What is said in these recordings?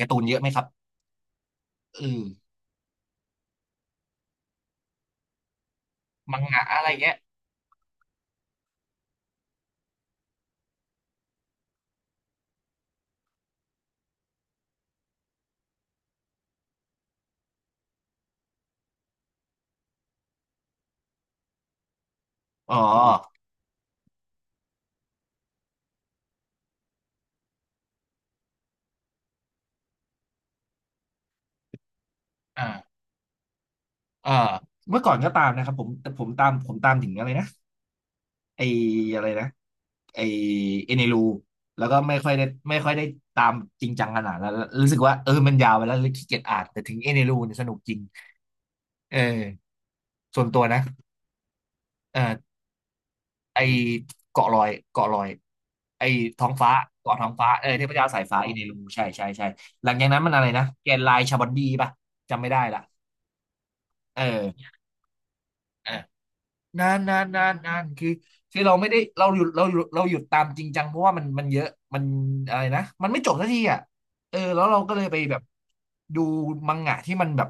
การ์ตูนเยอะไหมครับเออมังงะอะไรเงี้ยอ๋ออ่าเอ่าเมื่อก่อนก็ตามนะครับผมแต่ผมตามผมตามถึงอะไรนะไออะไรนะไอเอเนรูแล้วก็ไม่ค่อยได้ไม่ค่อยได้ตามจริงจังขนาดนั้นแล้วรู้สึกว่าเออมันยาวไปแล้วเลยขี้เกียจอ่านแต่ถึงเอเนรูเนี่ยสนุกจริงเออส่วนตัวนะเออไอเกาะลอยเกาะลอยไอท้องฟ้าเกาะท้องฟ้าเออเทพเจ้าสายฟ้าอ๋นเอนรูใช่ใช่ใช่หลังจากนั้นมันอะไรนะแกนไลน์ชาบอนดีป่ะจำไม่ได้ละเออเออ นานนานนานนานคือคือเราไม่ได้เราหยุดเราหยุดตามจริงจังเพราะว่ามันเยอะมันอะไรนะมันไม่จบสักทีอ่ะเออแล้วเราก็เลยไปแบบดูมังงะที่มันแบบ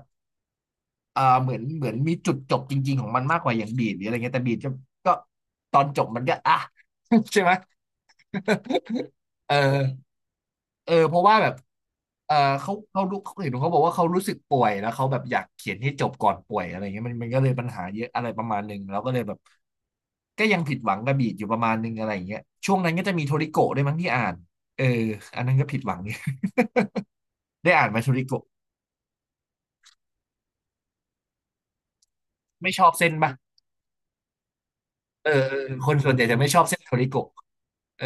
อ่าเหมือนมีจุดจบจริงๆของมันมากกว่าอย่างบีดหรืออะไรเงี้ยแต่บีดก็ตอนจบมันก็อ่ะ ใช่ไหม เออเพราะว่าแบบเออเขารู้เขาเห็นเขาบอกว่าเขารู้สึกป่วยแล้วเขาแบบอยากเขียนให้จบก่อนป่วยอะไรเงี้ยมันก็เลยปัญหาเยอะอะไรประมาณหนึ่งแล้วก็เลยแบบก็ยังผิดหวังกับบีดอยู่ประมาณหนึ่งอะไรอย่างเงี้ยช่วงนั้นก็จะมีโทริโกะด้วยมั้งที่อ่านเอออันนั้นก็ผิดหวัง เนี่ย ได้อ่านไหมาโทริโกะไม่ชอบเส้นป่ะเออคนส่วนใหญ่จะไม่ชอบเส้นโทริโกะเออ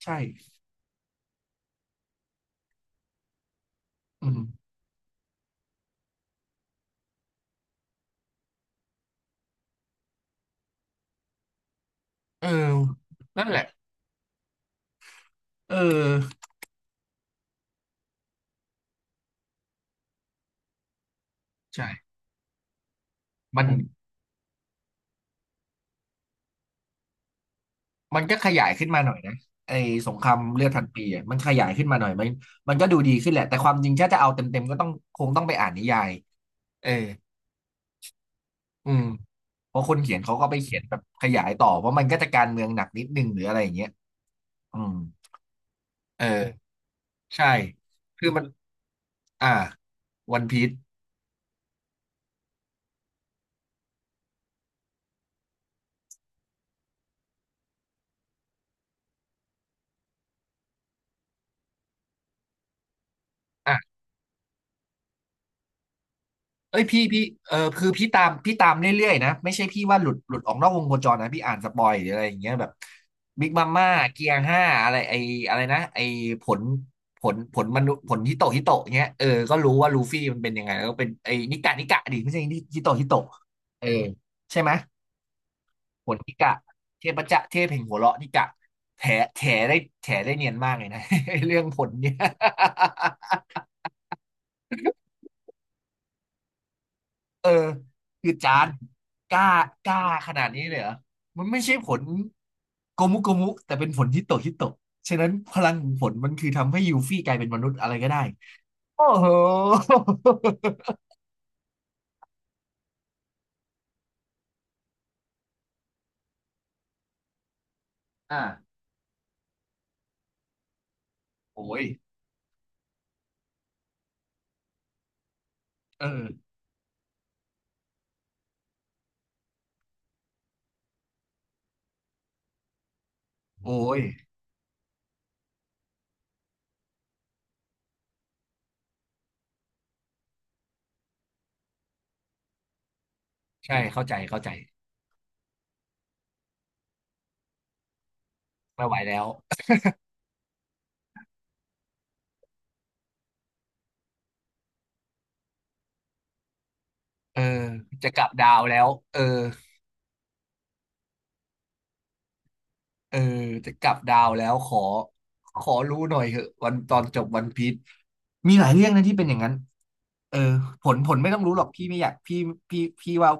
ใช่อืมเออนั่นแหละเออใช่มัน มันก็ขยายขึ้นมาหน่อยนะไอ้สงครามเลือดพันปีอ่ะมันขยายขึ้นมาหน่อยมันก็ดูดีขึ้นแหละแต่ความจริงถ้าจะเอาเต็มๆก็ต้องคงต้องไปอ่านนิยายเอออืมเพราะคนเขียนเขาก็ไปเขียนแบบขยายต่อเพราะมันก็จะการเมืองหนักนิดนึงหรืออะไรอย่างเงี้ยอืมเออใช่คือมันอ่าวันพีซอ่ะ เอ้ยพี่เออคือพี่ตามพี่ตามเรื่อยๆนะไม่ใช่พี่ว่าหลุดออกนอกวงโคจรนะพี่อ่านสปอยหรืออะไรอย่างเงี้ยแบบบิ๊กมัมม่าเกียร์ห้าอะไรไออะไรนะไอผลมนุษย์ผลฮิโตะฮิโตะเงี้ยเออก็รู้ว่าลูฟี่มันเป็นยังไงแล้วก็เป็นไอนิกะนิกะดิไม่ใช่ฮิโตะฮิโตะเออใช่ไหมผลนิกะเทพจะเทพแห่งหัวเราะนิกะแถแถได้แถได้เนียนมากเลยนะ เรื่องผลเนี่ย เออคือจานกล้ากล้าขนาดนี้เลยเหรอมันไม่ใช่ผลโกมุโกมุแต่เป็นผลฮิตโตฮิตโตฉะนั้นพลังของผลมันคือทำให้ยูฟี่กลายเป็นมนุษย์อะไรก็ได้โอ้โหอ่าโอ้ยเออโอ้ยใช่เข้าใจไม่ไหวแล้วเออจะกลับดาวแล้วเออเออจะกลับดาวแล้วขอรู้หน่อยเหอะวันตอนจบวันพีชมีหลายเรื่องนะที่เป็นอย่างนั้น เออผลไม่ต้องรู้หรอกพี่ไม่อยากพี่พี่ว่า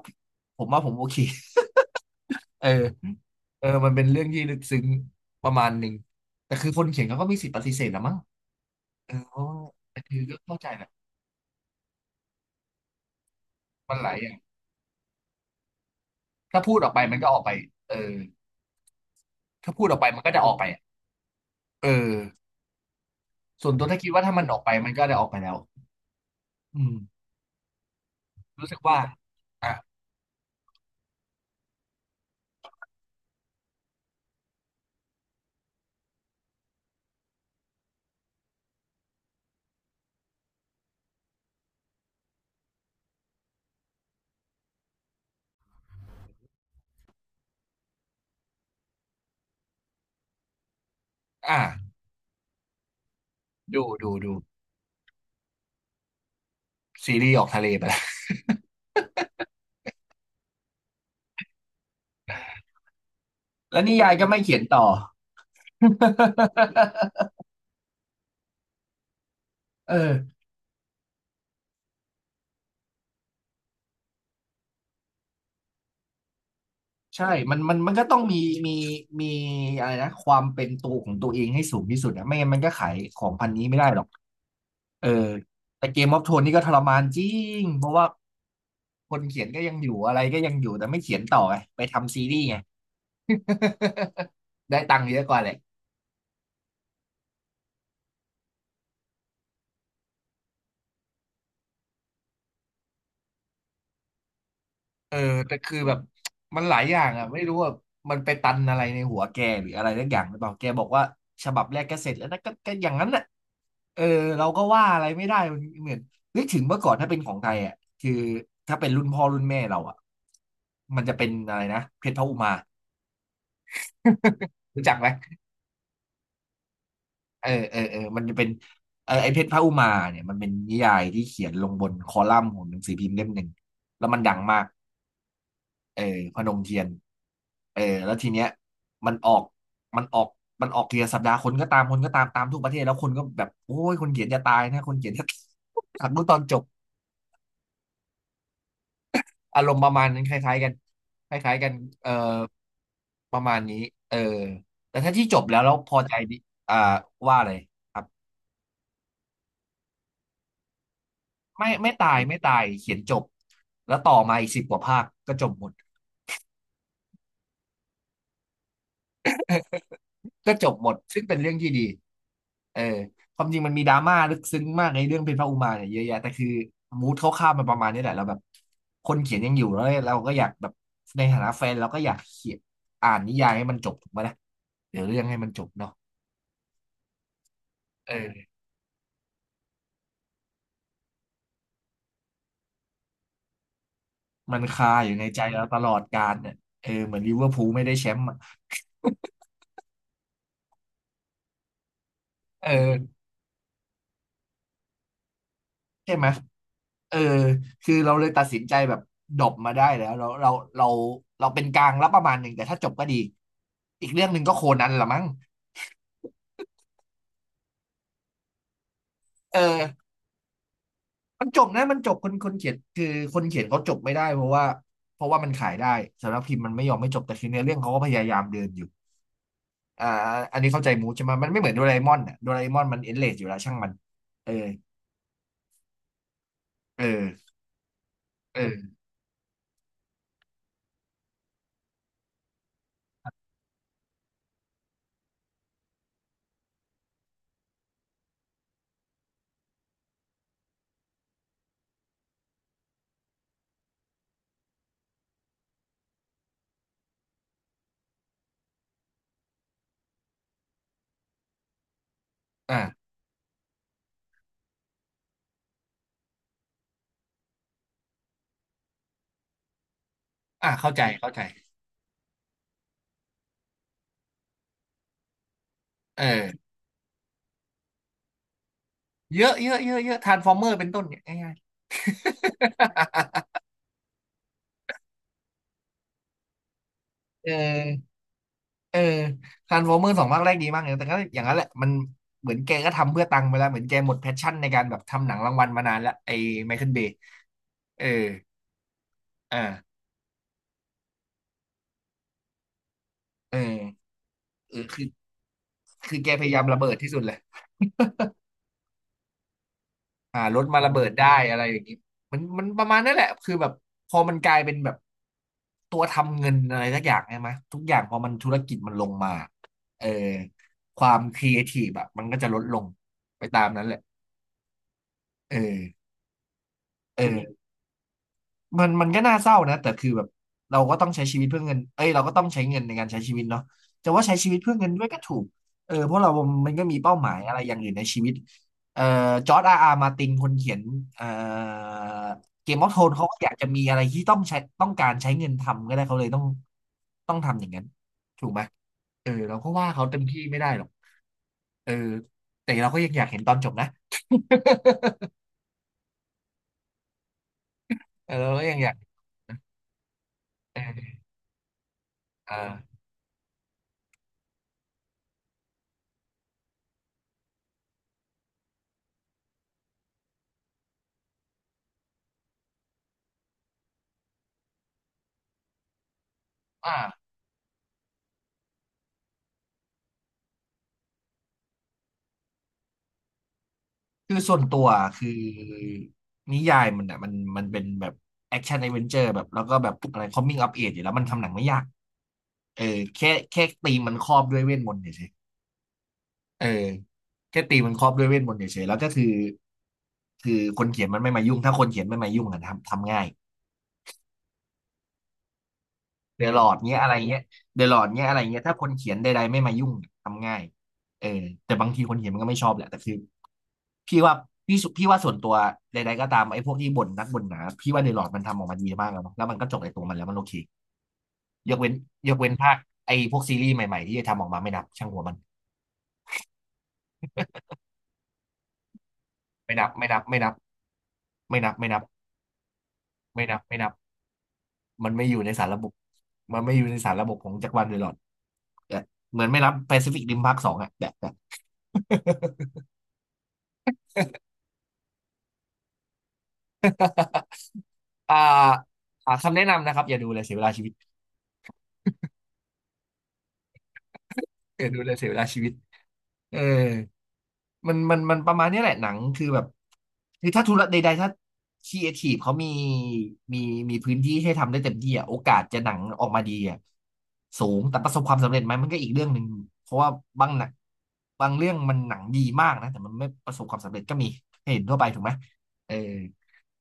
ผมว่าผมโอเคเออเออมันเป็นเรื่องที่ลึกซึ้งประมาณหนึ่งแต่คือคนเขียนเขาก็มีสิทธิ์ปฏิเสธนะมั้งเออเพราะว่าแต่คือก็เข้าใจแหละมันหลายอย่างถ้าพูดออกไปมันก็ออกไปเออถ้าพูดออกไปมันก็จะออกไปอะเออส่วนตัวถ้าคิดว่าถ้ามันออกไปมันก็ได้ออกไปแล้วอืมรู้สึกว่าอ่ะอ่ะดูซีรีส์ออกทะเลไปแล้วแล้วนิยายก็ไม่เขียนต่อ เออ ใช่มันก็ต้องมีมีอะไรนะความเป็นตัวของตัวเองให้สูงที่สุดอะไม่งั้นมันก็ขายของพันนี้ไม่ได้หรอกเออแต่เกมออฟโทนนี่ก็ทรมานจริง เพราะว่าคนเขียนก็ยังอยู่อะไรก็ยังอยู่ แต่ไม่เขียนต่อไงไปทำซีรีส์ไง ได้ตังค์เยอะกว่าแหละ เออแต่คือแบบมันหลายอย่างอ่ะไม่รู้ว่ามันไปตันอะไรในหัวแกหรืออะไรสักอย่างหรือเปล่าแกบอกว่าฉบับแรกก็เสร็จแล้วนะก็อย่างนั้นน่ะเออเราก็ว่าอะไรไม่ได้มันเหมือนนึกถึงเมื่อก่อนถ้าเป็นของไทยอ่ะคือถ้าเป็นรุ่นพ่อรุ่นแม่เราอ่ะมันจะเป็นอะไรนะเพชรพระอุมา รู้จักไหมเออมันจะเป็นเออไอเพชรพระอุมาเนี่ยมันเป็นนิยายที่เขียนลงบนคอลัมน์ของหนังสือพิมพ์เล่มหนึ่งแล้วมันดังมาก เออพนมเทียนแล้วทีเนี้ยมันออกมันออกมันออกทีละสัปดาห์คนก็ตามตามทุกประเทศแล้วคนก็แบบโอ้ยคนเขียนจะตายนะคนเขียนจะ อยากดูตอนจบอารมณ์ประมาณนั้นคล้ายๆกันคล้ายๆกันเออประมาณนี้เออแต่ถ้าที่จบแล้วพอใจดิอ่าว่าเลยครับไม่ตายเขียนจบแล้วต่อมาอีกสิบกว่าภาคก็จบหมด ซึ่งเป็นเรื่องที่ดีเออความจริงมันมีดราม่าลึกซึ้งมากในเรื่องเพนพระอุมาเนี่ยเยอะแยะแต่คือมูดคร่าวๆมันประมาณนี้แหละเราแบบคนเขียนยังอยู่แล้วเราก็อยากแบบในฐานะแฟนเราก็อยากเขียนอ่านนิยายให้มันจบถูกไหมนะเดี๋ยวเรื่องให้มันจบเนาะเออมันคาอยู่ในใจเราตลอดกาลเนี่ยเหมือนลิเวอร์พูลไม่ได้แชมป์อะเออ ใช่ไหมเออคือเราเลยตัดสินใจแบบดบมาได้แล้วเราเราเป็นกลางรับประมาณหนึ่งแต่ถ้าจบก็ดีอีกเรื่องหนึ่งก็โคนันละมั้งเออมันจบนะมันจบคนเขียนคือคนเขียนเขาจบไม่ได้เพราะว่ามันขายได้สำนักพิมพ์มันไม่ยอมไม่จบแต่คือเนื้อเรื่องเขาก็พยายามเดินอยู่อ่าอันนี้เข้าใจมูใช่ไหมมันไม่เหมือนโดราเอมอนอ่ะโดราเอมอนมันเอ็นเลสอยู่แล้วช่างมันเออเออเอออ่าอ่าเข้าใจเออเยอะเยอะเยอะเยอะทรานส์ฟอร์เมอร์เป็นต้นเนี่ยง่ายๆ เออเออทรานส์ฟอร์เมอร์สองภาคแรกดีมากเลยแต่ก็อย่างนั้นแหละมันเหมือนแกก็ทำเพื่อตังค์ไปแล้วเหมือนแกหมดแพชชั่นในการแบบทำหนังรางวัลมานานแล้วไอ้ไมเคิลเบย์เอออ่าเออเออคือแกพยายามระเบิดที่สุดเลยหารถมาระเบิดได้อะไรอย่างนี้มันมันประมาณนั่นแหละคือแบบพอมันกลายเป็นแบบตัวทำเงินอะไรสักอย่างใช่ไหมทุกอย่างพอมันธุรกิจมันลงมาเออความครีเอทีฟอะมันก็จะลดลงไปตามนั้นแหละเออเออ มันมันก็น่าเศร้านะแต่คือแบบเราก็ต้องใช้ชีวิตเพื่อเงินเอ้ยเราก็ต้องใช้เงินในการใช้ชีวิตเนาะจะว่าใช้ชีวิตเพื่อเงินด้วยก็ถูกเพราะเรามันก็มีเป้าหมายอะไรอย่างอื่นในชีวิตเอ่อจอร์จอาร์อาร์มาตินคนเขียนเอ่อเกมออฟโทนเขาก็อยากจะมีอะไรที่ต้องการใช้เงินทำก็ได้เขาเลยต้องทำอย่างนั้นถูกไหมเราก็ว่าเขาเต็มที่ไม่ได้หรอกเออแต่เราก็ยังอยากเห็นตอนจบนะ เราก็ยังอยากเออเอออ่า คือส่วนตัวคือนิยายมันอ่ะมันมันเป็นแบบแอคชั่น d อ v e n เ u อร์แบบแล้วก็แบบอะไรคอมมิ่งอัปเออยู่แล้วมันทำหนังไม่ยากเออแค่ตีมมันครอบด้วยเวทมนต์เฉยๆเออแค่ตีมมันครอบด้วยเวทมนต์เฉยๆแล้วก็คือคนเขียนมันไม่มายุ่งถ้าคนเขียนไม่มายุ่งอะทำง่าย เดอะลอร์ดเงี้ยอะไรเงี้ยเดอะลอร์ดเงี้ยอะไรเงี้ยถ้าคนเขียนใดๆไม่มายุ่งเนี่ยทำง่ายเออแต่บางทีคนเขียนมันก็ไม่ชอบแหละแต่คือพี่ว่าพี่ว่าส่วนตัวใดๆก็ตามไอ้พวกที่บ่นนักบ่นหนาพี่ว่าเดอะลอร์ดมันทำออกมาดีมากแล้วเนอะแล้วมันก็จบในตัวมันแล้วมันโอเคยกเว้นยกเว้นภาคไอ้พวกซีรีส์ใหม่ๆที่จะทำออกมาไม่นับช่างหัวมันไม่นับไม่นับไม่นับไม่นับไม่นับไม่นับไม่นับมันไม่อยู่ในสารระบบมันไม่อยู่ในสารระบบของจักรวาลเดอะลอร์ดเออเหมือนไม่นับแปซิฟิกริมภาคสองอะแบบ อ่าหาคำแนะนำนะครับอย่าดูเลยเสียเวลาชีวิตอย่าดูเลยเสียเวลาชีวิตเออมันมันมันประมาณเนี้ยแหละหนังคือแบบคือถ้าธุระใดๆถ้าครีเอทีฟเขามีมีพื้นที่ให้ทำได้เต็มที่อ่ะโอกาสจะหนังออกมาดีอ่ะสูงแต่ประสบความสำเร็จไหมมันก็อีกเรื่องหนึ่งเพราะว่าบางหนังบางเรื่องมันหนังดีมากนะแต่มันไม่ประสบความสำเร็จก็มีให้เห็นทั่วไปถูกไหมเออ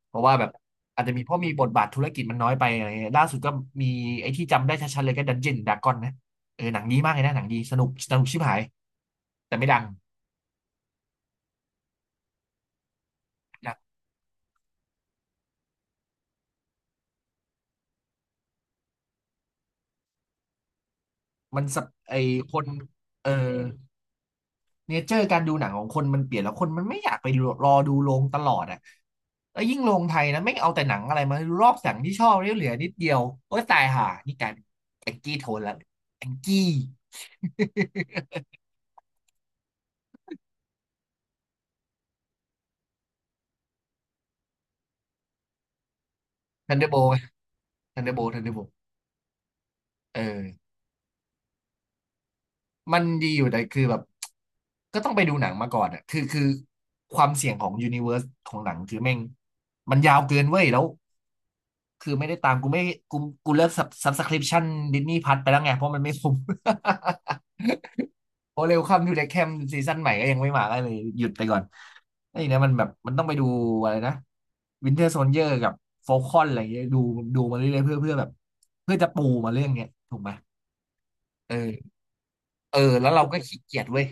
เพราะว่าแบบอาจจะมีเพราะมีบทบาทธุรกิจมันน้อยไปอะไรเงี้ยล่าสุดก็มีไอ้ที่จำได้ชัดๆเลยก็ดันเจียนดากอนนะเออหนังดีมากเลยนะหนังดีสนุกชิบหายแต่ไม่ดังนะมันสะไอ้คนเออเนเจอร์การดูหนังของคนมันเปลี่ยนแล้วคนมันไม่อยากไปรอดูโรงตลอดอ่ะแล้วยิ่งโรงไทยนะไม่งเอาแต่หนังอะไรมาดูรอบหนังที่ชอบเนี่ยเหลือนิดเดียวโอ้ยตายห่านี่กลายเป็นแองกี้โทนแลวแองกี้ ทันเดอร์โบ t ทันเดอร์โบ t ทันเดอร์โบลเออ มันดีอยู่แต่คือแบบก็ต้องไปดูหนังมาก่อนอ่ะคือความเสี่ยงของยูนิเวอร์สของหนังคือแม่งมันยาวเกินเว้ยแล้วคือไม่ได้ตามกูไม่กูกูเลิกซับสคริปชั่นดิสนีย์พัทไปแล้วไงเพราะมันไม่คุ้ม โอเร็วคัมทูเดอะแคมซีซั่นใหม่ก็ยังไม่มาก็เลยหยุดไปก่อนไอ้เนี่ยมันแบบมันต้องไปดูอะไรนะวินเทอร์โซ i เยอร์กับฟ a ลคอนอะไรอย่างเงี้ยดูมาเรื่อยๆเพื่อแบบเพื่อจะปูมาเรื่องเนี้ยถูกไหมเออเออแล้วเราก็ขี้เกียจเว้ย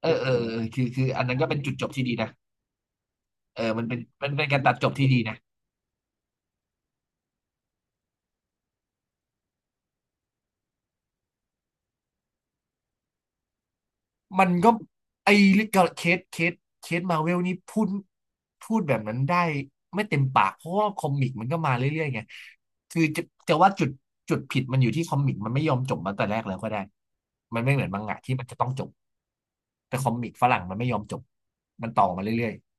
เออคืออันนั้นก็เป็นจุดจบที่ดีนะเออมันเป็นการตัดจบที่ดีนะมันก็ไอ้เรืเคสเคสเคสมาเวลนี่พูดแบบนั้นได้ไม่เต็มปากเพราะว่าคอมิกมันก็มาเรื่อยๆไงคือจะว่าจุดผิดมันอยู่ที่คอมิกมันไม่ยอมจบมาแต่แรกแล้วก็ได้มันไม่เหมือนมังงะที่มันจะต้องจบแต่คอมิกฝรั่งมันไม่ยอมจบมันต่อมาเรื่อยๆ